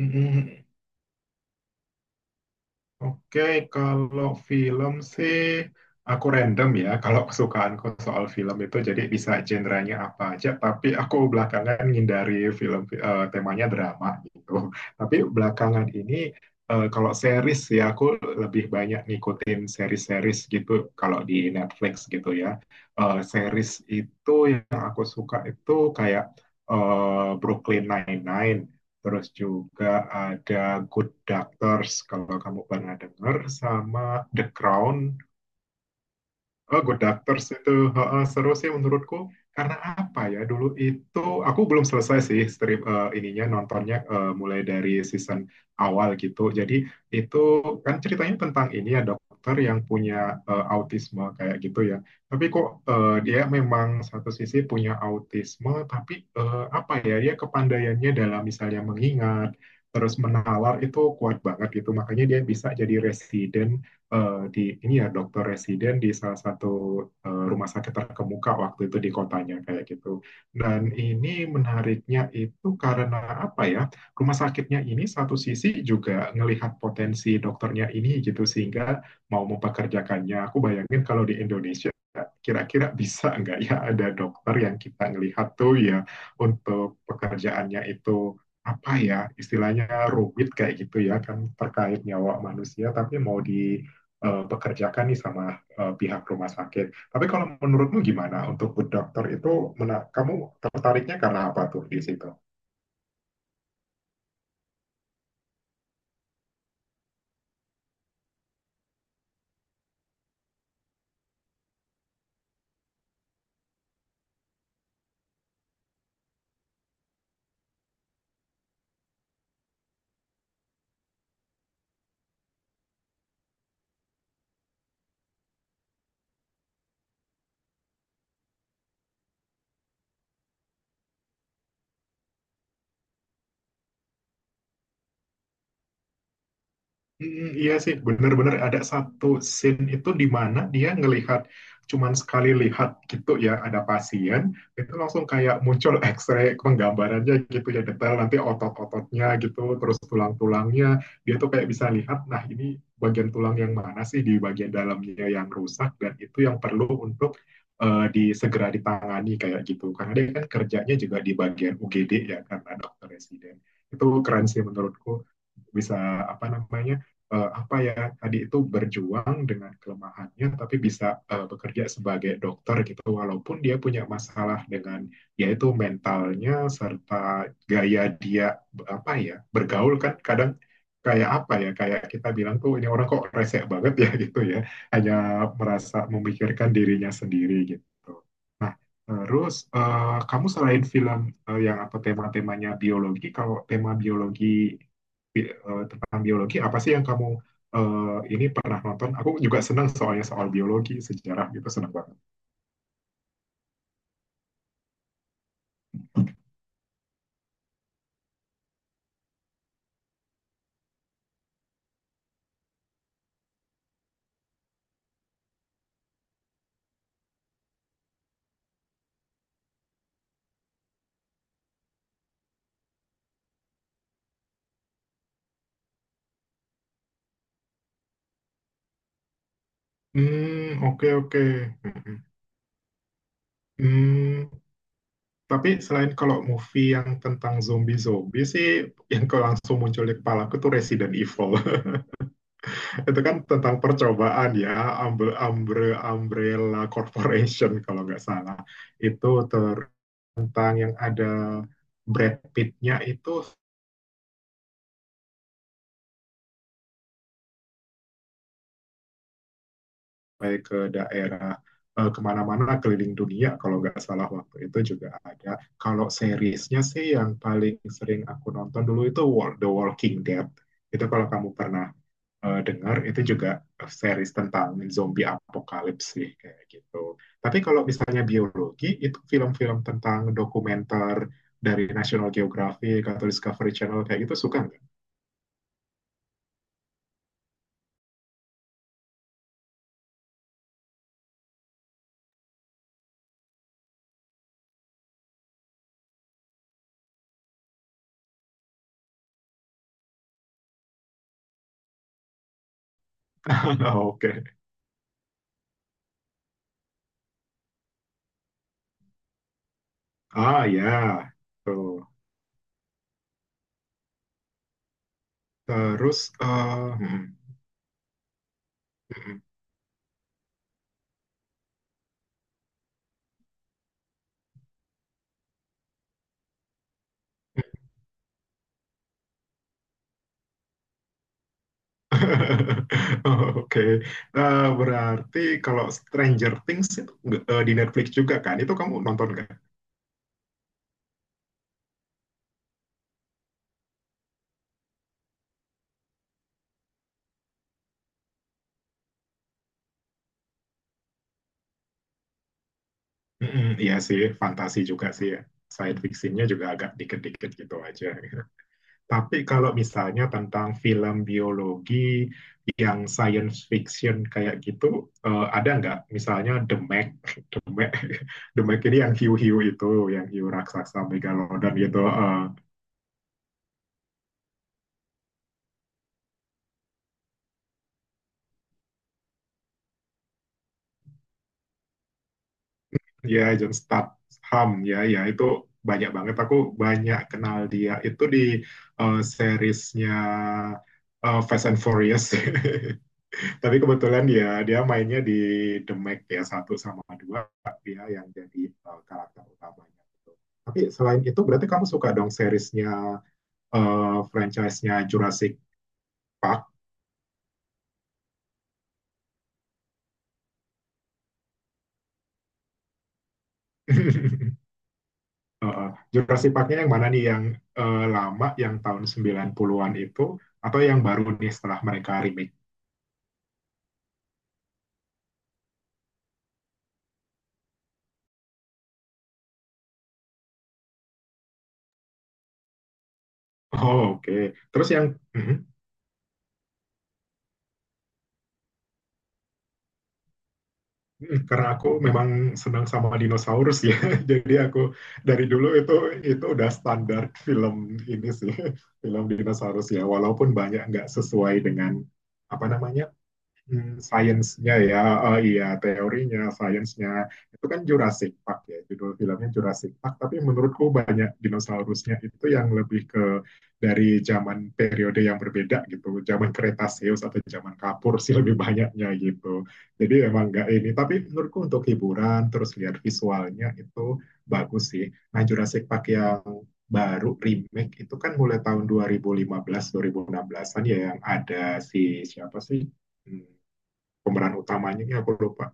Mm, oke, kalau film sih aku random ya. Kalau kesukaanku soal film itu jadi bisa genrenya apa aja. Tapi aku belakangan ngindari film temanya drama gitu. Tapi belakangan ini kalau series ya aku lebih banyak ngikutin series-series gitu. Kalau di Netflix gitu ya. Series itu yang aku suka itu kayak Brooklyn Nine-Nine. Terus juga ada Good Doctors, kalau kamu pernah dengar, sama The Crown. Oh, Good Doctors itu heeh, seru sih menurutku. Karena apa ya, dulu itu aku belum selesai sih ininya nontonnya, mulai dari season awal gitu. Jadi itu kan ceritanya tentang ini ya, dokter yang punya autisme kayak gitu ya. Tapi kok dia memang satu sisi punya autisme, tapi apa ya, dia kepandaiannya dalam misalnya mengingat, terus menalar itu kuat banget gitu. Makanya dia bisa jadi residen, di ini ya, dokter residen di salah satu rumah sakit terkemuka waktu itu di kotanya kayak gitu. Dan ini menariknya itu karena apa ya? Rumah sakitnya ini satu sisi juga ngelihat potensi dokternya ini gitu, sehingga mau mempekerjakannya. Aku bayangin kalau di Indonesia kira-kira bisa nggak ya ada dokter yang kita ngelihat tuh ya, untuk pekerjaannya itu apa ya istilahnya, rumit kayak gitu ya kan, terkait nyawa manusia, tapi mau di bekerjakan nih sama pihak rumah sakit. Tapi kalau menurutmu gimana untuk good doctor itu, kamu tertariknya karena apa tuh di situ? Mm, iya sih, benar-benar ada satu scene itu di mana dia ngelihat cuman sekali lihat gitu ya, ada pasien itu langsung kayak muncul X-ray penggambarannya gitu ya, detail nanti otot-ototnya gitu, terus tulang-tulangnya dia tuh kayak bisa lihat nah ini bagian tulang yang mana sih di bagian dalamnya yang rusak, dan itu yang perlu untuk disegera ditangani kayak gitu, karena dia kan kerjanya juga di bagian UGD ya karena dokter residen. Itu keren sih menurutku, bisa apa namanya, apa ya, tadi itu berjuang dengan kelemahannya tapi bisa bekerja sebagai dokter gitu, walaupun dia punya masalah dengan yaitu mentalnya, serta gaya dia apa ya bergaul, kan kadang kayak apa ya, kayak kita bilang tuh ini orang kok resek banget ya, gitu ya, hanya merasa memikirkan dirinya sendiri gitu. Nah, terus kamu selain film yang apa tema-temanya biologi, kalau tema biologi tentang biologi apa sih yang kamu eh, ini pernah nonton? Aku juga senang soalnya soal biologi, sejarah gitu senang banget. Hmm, oke, oke. mm Hmm, tapi selain kalau movie yang tentang zombie-zombie sih, yang kalau langsung muncul di kepala aku tuh Resident Evil. Itu kan tentang percobaan ya, Umbre, Umbre, Umbrella Corporation kalau nggak salah. Itu tentang yang ada Brad Pitt-nya itu, sampai ke daerah kemana-mana keliling dunia kalau nggak salah waktu itu juga ada. Kalau seriesnya sih, yang paling sering aku nonton dulu itu The Walking Dead. Itu kalau kamu pernah dengar, itu juga series tentang zombie apokalips sih kayak gitu. Tapi kalau misalnya biologi itu, film-film tentang dokumenter dari National Geographic atau Discovery Channel kayak gitu, suka nggak? Oke. Ah, ya. Tuh. Terus hmm. Oke, nah, berarti kalau Stranger Things itu di Netflix juga kan? Itu kamu nonton kan? Mm-mm, iya sih, fantasi juga sih ya. Science fictionnya juga agak dikit-dikit gitu aja. Tapi kalau misalnya tentang film biologi yang science fiction kayak gitu, ada nggak? Misalnya The Meg, The Meg, The Meg ini yang hiu-hiu itu, yang hiu raksasa megalodon gitu. Eh. Ya, John Statham, ya, ya itu banyak banget aku banyak kenal dia itu di seriesnya Fast and Furious. Tapi kebetulan dia dia mainnya di The Meg, ya, satu sama dua, dia yang jadi karakter utamanya gitu. Tapi selain itu berarti kamu suka dong seriesnya eh franchise-nya Jurassic Park. Heeh. Jurassic Park-nya yang mana nih, yang lama yang tahun 90-an itu, atau yang baru nih setelah mereka remake? Oh, oke. Okay. Terus yang mhm. Mhm, karena aku memang senang sama dinosaurus ya. Jadi aku dari dulu itu udah standar film ini sih, film dinosaurus ya. Walaupun banyak nggak sesuai dengan apa namanya. Hmm, sainsnya ya, oh iya, teorinya, sainsnya, itu kan Jurassic Park ya judul filmnya, Jurassic Park. Tapi menurutku banyak dinosaurusnya itu yang lebih ke dari zaman periode yang berbeda gitu, zaman Kretaseus atau zaman Kapur sih lebih banyaknya gitu. Jadi emang nggak ini, tapi menurutku untuk hiburan terus lihat visualnya itu bagus sih. Nah, Jurassic Park yang baru remake itu kan mulai tahun 2015, 2016-an ya, yang ada si siapa sih? Hmm, pemeran utamanya ini aku lupa.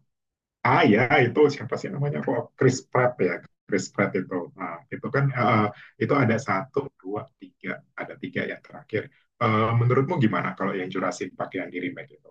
Ah, ya itu siapa sih namanya, kok Chris Pratt ya, Chris Pratt itu. Nah, itu kan itu ada satu, dua, tiga, ada tiga yang terakhir. Menurutmu gimana kalau yang Jurassic Park yang di remake itu?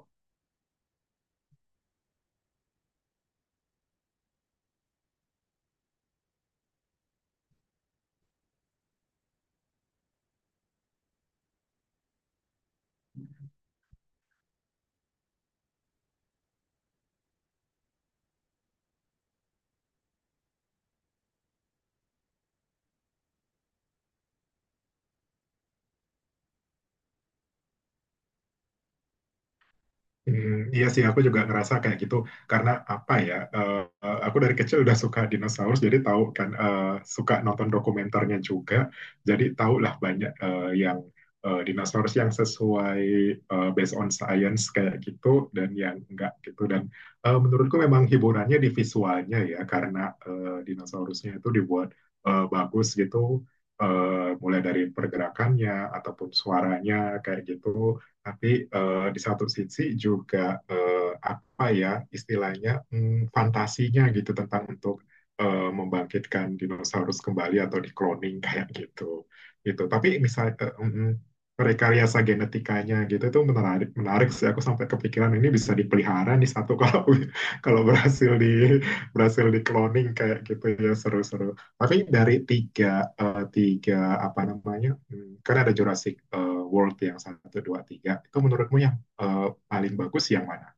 Hmm, iya sih, aku juga ngerasa kayak gitu. Karena apa ya? Aku dari kecil udah suka dinosaurus, jadi tahu kan, suka nonton dokumenternya juga, jadi tahu lah banyak yang dinosaurus yang sesuai based on science kayak gitu, dan yang enggak gitu. Dan menurutku memang hiburannya di visualnya ya, karena dinosaurusnya itu dibuat bagus gitu, mulai dari pergerakannya ataupun suaranya kayak gitu. Tapi di satu sisi juga apa ya istilahnya, fantasinya gitu, tentang untuk membangkitkan dinosaurus kembali atau di cloning kayak gitu. Gitu. Tapi misalnya rekayasa genetikanya gitu, itu menarik, menarik sih, aku sampai kepikiran ini bisa dipelihara nih satu kalau kalau berhasil di, berhasil di cloning kayak gitu ya, seru-seru. Tapi dari tiga, eh, tiga apa namanya, kan ada Jurassic World yang satu, dua, tiga. Itu menurutmu yang eh, paling bagus yang mana?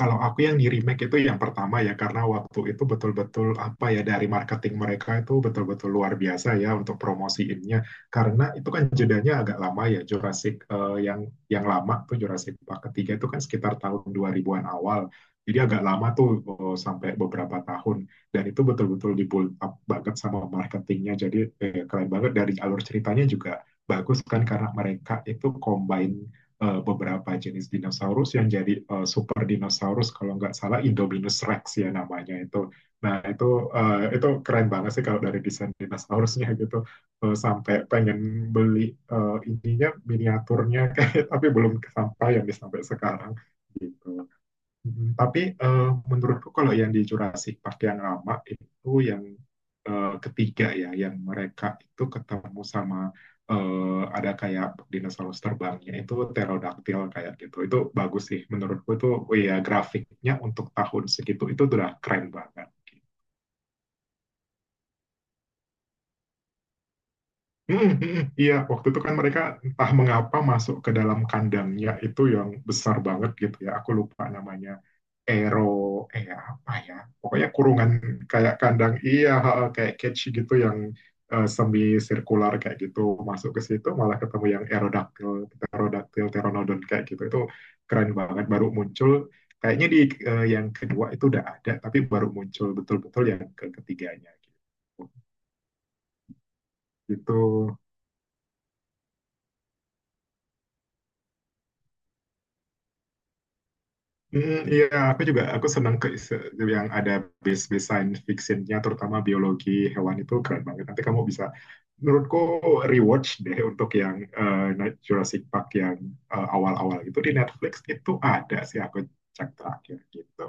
Kalau aku yang di remake itu yang pertama ya, karena waktu itu betul-betul apa ya, dari marketing mereka itu betul-betul luar biasa ya untuk promosiinnya. Karena itu kan jedanya agak lama ya Jurassic, yang lama tuh Jurassic Park ketiga itu kan sekitar tahun 2000-an awal. Jadi agak lama tuh, sampai beberapa tahun, dan itu betul-betul di build up banget sama marketingnya. Jadi keren banget, dari alur ceritanya juga bagus kan, karena mereka itu combine beberapa jenis dinosaurus yang jadi super dinosaurus, kalau nggak salah Indominus Rex ya namanya itu. Nah itu keren banget sih kalau dari desain dinosaurusnya gitu. Eh, sampai pengen beli ininya, miniaturnya, kayak, tapi belum kesampaian sampai sekarang gitu. Mm, tapi menurutku kalau yang di Jurassic Park yang lama itu yang ketiga ya, yang mereka itu ketemu sama ada kayak dinosaurus terbangnya itu pterodaktil kayak gitu. Itu bagus sih menurutku itu, oh iya, grafiknya untuk tahun segitu itu udah keren banget. Mm, mm, iya, waktu itu kan mereka entah mengapa masuk ke dalam kandangnya itu yang besar banget gitu ya. Aku lupa namanya, Aero, apa ya, pokoknya kurungan kayak kandang, iya, ha, ha, kayak cage gitu yang semi sirkular kayak gitu, masuk ke situ malah ketemu yang Aerodactyl, Pterodactyl, Pteranodon kayak gitu. Itu keren banget, baru muncul, kayaknya di yang kedua itu udah ada, tapi baru muncul betul-betul yang ketiganya gitu. Gitu. Hmm, iya, aku senang ke yang ada base-base science fictionnya, terutama biologi hewan itu keren banget. Nanti kamu bisa, menurutku, rewatch deh untuk yang Jurassic Park yang awal-awal itu di Netflix itu ada sih, aku cek terakhir gitu.